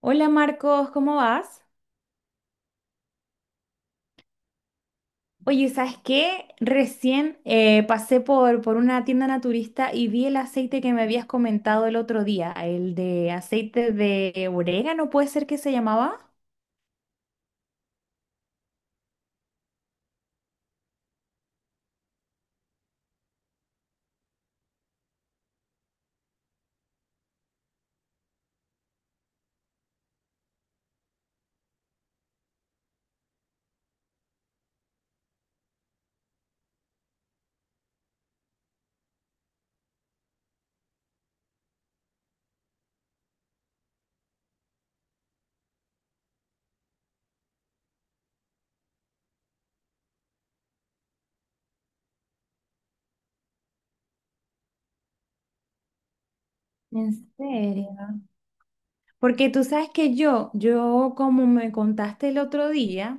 Hola Marcos, ¿cómo vas? Oye, ¿sabes qué? Recién pasé por una tienda naturista y vi el aceite que me habías comentado el otro día, el de aceite de orégano, ¿puede ser que se llamaba? ¿En serio? Porque tú sabes que yo como me contaste el otro día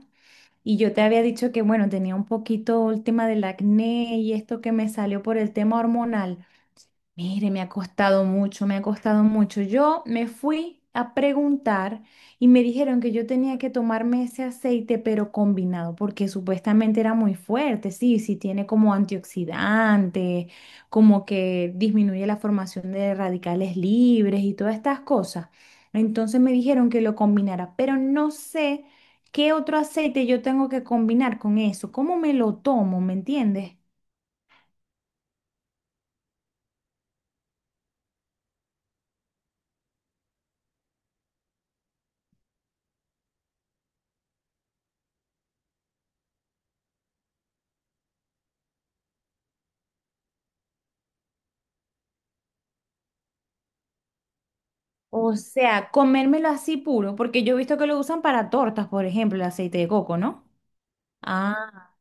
y yo te había dicho que, bueno, tenía un poquito el tema del acné y esto que me salió por el tema hormonal. Mire, me ha costado mucho, me ha costado mucho. Yo me fui a preguntar y me dijeron que yo tenía que tomarme ese aceite, pero combinado, porque supuestamente era muy fuerte. Sí, sí, tiene como antioxidante, como que disminuye la formación de radicales libres y todas estas cosas. Entonces me dijeron que lo combinara, pero no sé qué otro aceite yo tengo que combinar con eso. ¿Cómo me lo tomo? ¿Me entiendes? O sea, comérmelo así puro, porque yo he visto que lo usan para tortas, por ejemplo, el aceite de coco, ¿no? Ah.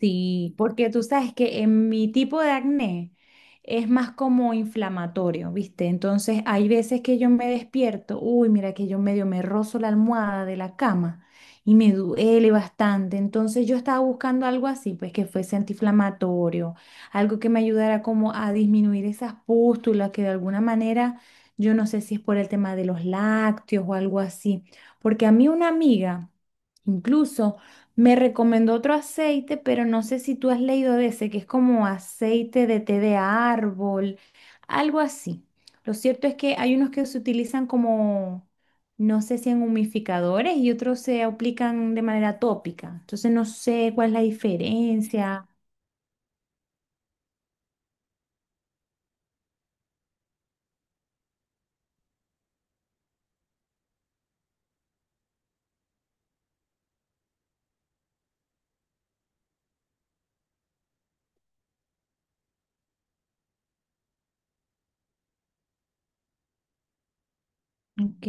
Sí, porque tú sabes que en mi tipo de acné es más como inflamatorio, ¿viste? Entonces hay veces que yo me despierto, uy, mira que yo medio me rozo la almohada de la cama y me duele bastante. Entonces yo estaba buscando algo así, pues que fuese antiinflamatorio, algo que me ayudara como a disminuir esas pústulas que de alguna manera, yo no sé si es por el tema de los lácteos o algo así, porque a mí una amiga, incluso... me recomendó otro aceite, pero no sé si tú has leído de ese, que es como aceite de té de árbol, algo así. Lo cierto es que hay unos que se utilizan como, no sé si en humidificadores y otros se aplican de manera tópica. Entonces no sé cuál es la diferencia. Ok.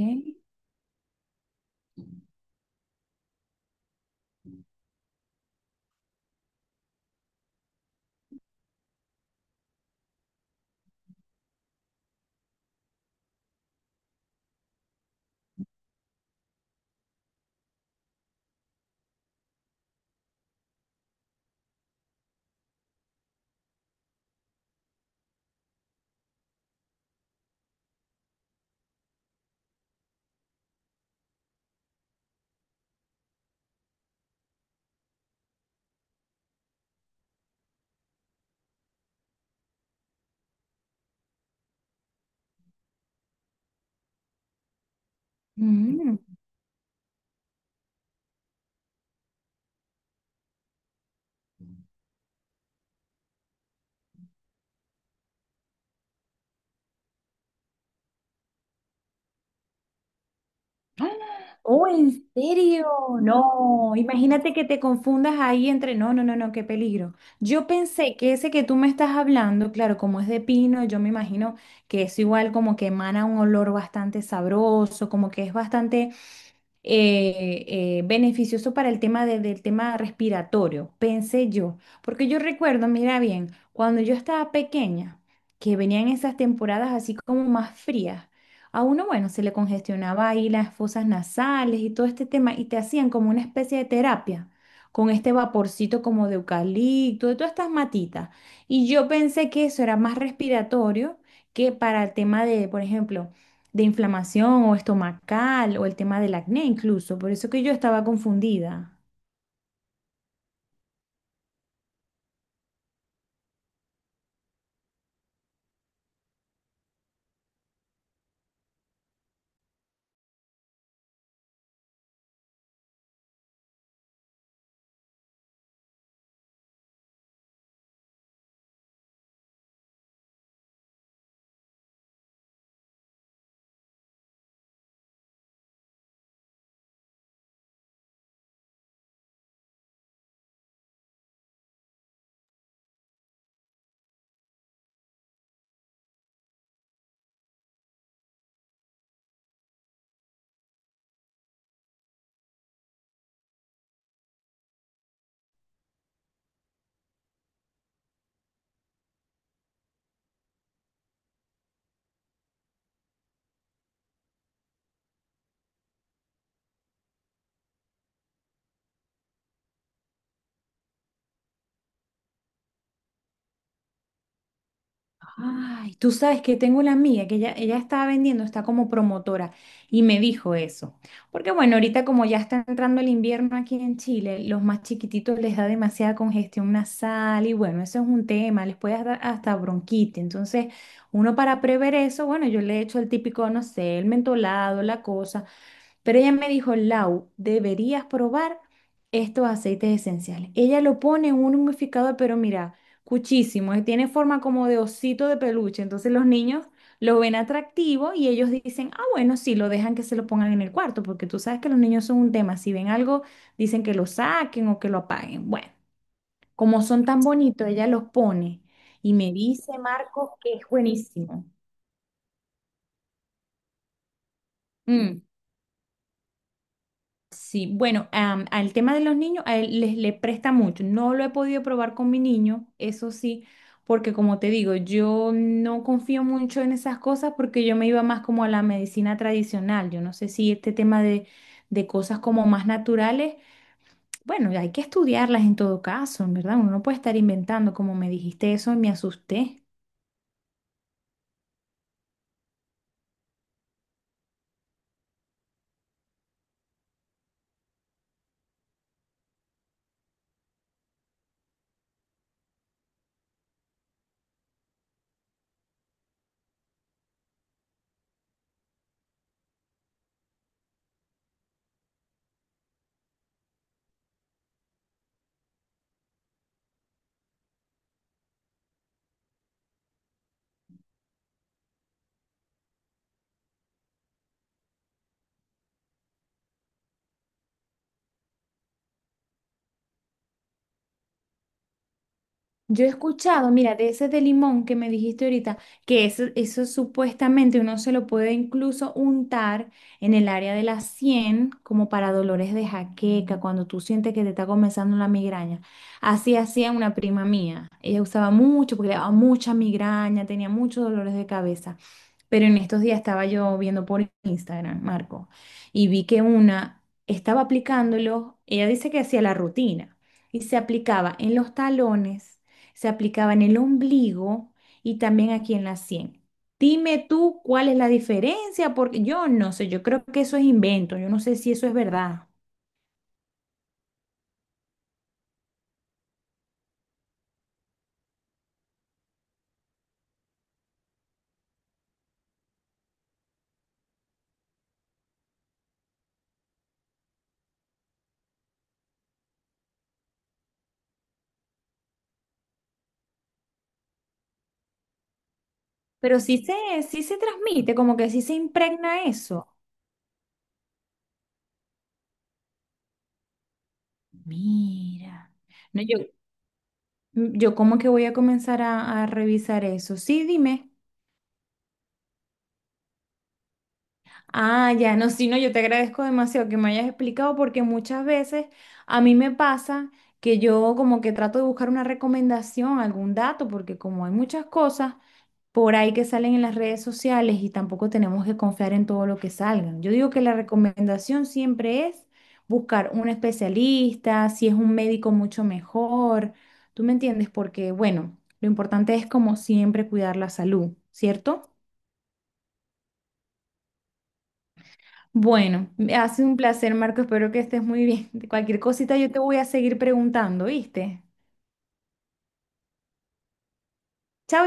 Mm. Oh, ¿en serio? No, imagínate que te confundas ahí entre, no, no, no, no, qué peligro. Yo pensé que ese que tú me estás hablando, claro, como es de pino, yo me imagino que es igual como que emana un olor bastante sabroso, como que es bastante eh, beneficioso para el tema del tema respiratorio, pensé yo, porque yo recuerdo, mira bien, cuando yo estaba pequeña, que venían esas temporadas así como más frías, a uno, bueno, se le congestionaba ahí las fosas nasales y todo este tema, y te hacían como una especie de terapia con este vaporcito como de eucalipto, de todas estas matitas. Y yo pensé que eso era más respiratorio que para el tema de, por ejemplo, de inflamación o estomacal o el tema del acné incluso. Por eso que yo estaba confundida. Ay, tú sabes que tengo una amiga que ella estaba vendiendo, está como promotora y me dijo eso. Porque bueno, ahorita como ya está entrando el invierno aquí en Chile, los más chiquititos les da demasiada congestión nasal y bueno, eso es un tema, les puede dar hasta bronquitis. Entonces, uno para prever eso, bueno, yo le he hecho el típico, no sé, el mentolado, la cosa. Pero ella me dijo, Lau, deberías probar estos aceites esenciales. Ella lo pone en un humidificador, pero mira, cuchísimo, tiene forma como de osito de peluche. Entonces los niños lo ven atractivo y ellos dicen, ah, bueno, sí, lo dejan que se lo pongan en el cuarto, porque tú sabes que los niños son un tema. Si ven algo, dicen que lo saquen o que lo apaguen. Bueno, como son tan bonitos, ella los pone y me dice, Marcos, que es buenísimo. Mm. Sí, bueno, al tema de los niños, a él les le presta mucho. No lo he podido probar con mi niño, eso sí, porque como te digo, yo no confío mucho en esas cosas porque yo me iba más como a la medicina tradicional. Yo no sé si este tema de cosas como más naturales, bueno, hay que estudiarlas en todo caso, ¿verdad? Uno no puede estar inventando, como me dijiste eso, me asusté. Yo he escuchado, mira, de ese de limón que me dijiste ahorita, que eso supuestamente uno se lo puede incluso untar en el área de la sien, como para dolores de jaqueca, cuando tú sientes que te está comenzando la migraña. Así hacía una prima mía. Ella usaba mucho porque le daba mucha migraña, tenía muchos dolores de cabeza. Pero en estos días estaba yo viendo por Instagram, Marco, y vi que una estaba aplicándolo, ella dice que hacía la rutina, y se aplicaba en los talones, se aplicaba en el ombligo y también aquí en la sien. Dime tú cuál es la diferencia, porque yo no sé, yo creo que eso es invento, yo no sé si eso es verdad, pero sí se transmite, como que sí se impregna eso. Mira, no, yo como que voy a comenzar a revisar eso. Sí, dime. Ah, ya, no, sí, no, yo te agradezco demasiado que me hayas explicado porque muchas veces a mí me pasa que yo como que trato de buscar una recomendación, algún dato, porque como hay muchas cosas por ahí que salen en las redes sociales y tampoco tenemos que confiar en todo lo que salgan. Yo digo que la recomendación siempre es buscar un especialista, si es un médico mucho mejor, ¿tú me entiendes? Porque bueno, lo importante es como siempre cuidar la salud, ¿cierto? Bueno, me ha sido un placer, Marco. Espero que estés muy bien. Cualquier cosita yo te voy a seguir preguntando, ¿viste? Chao.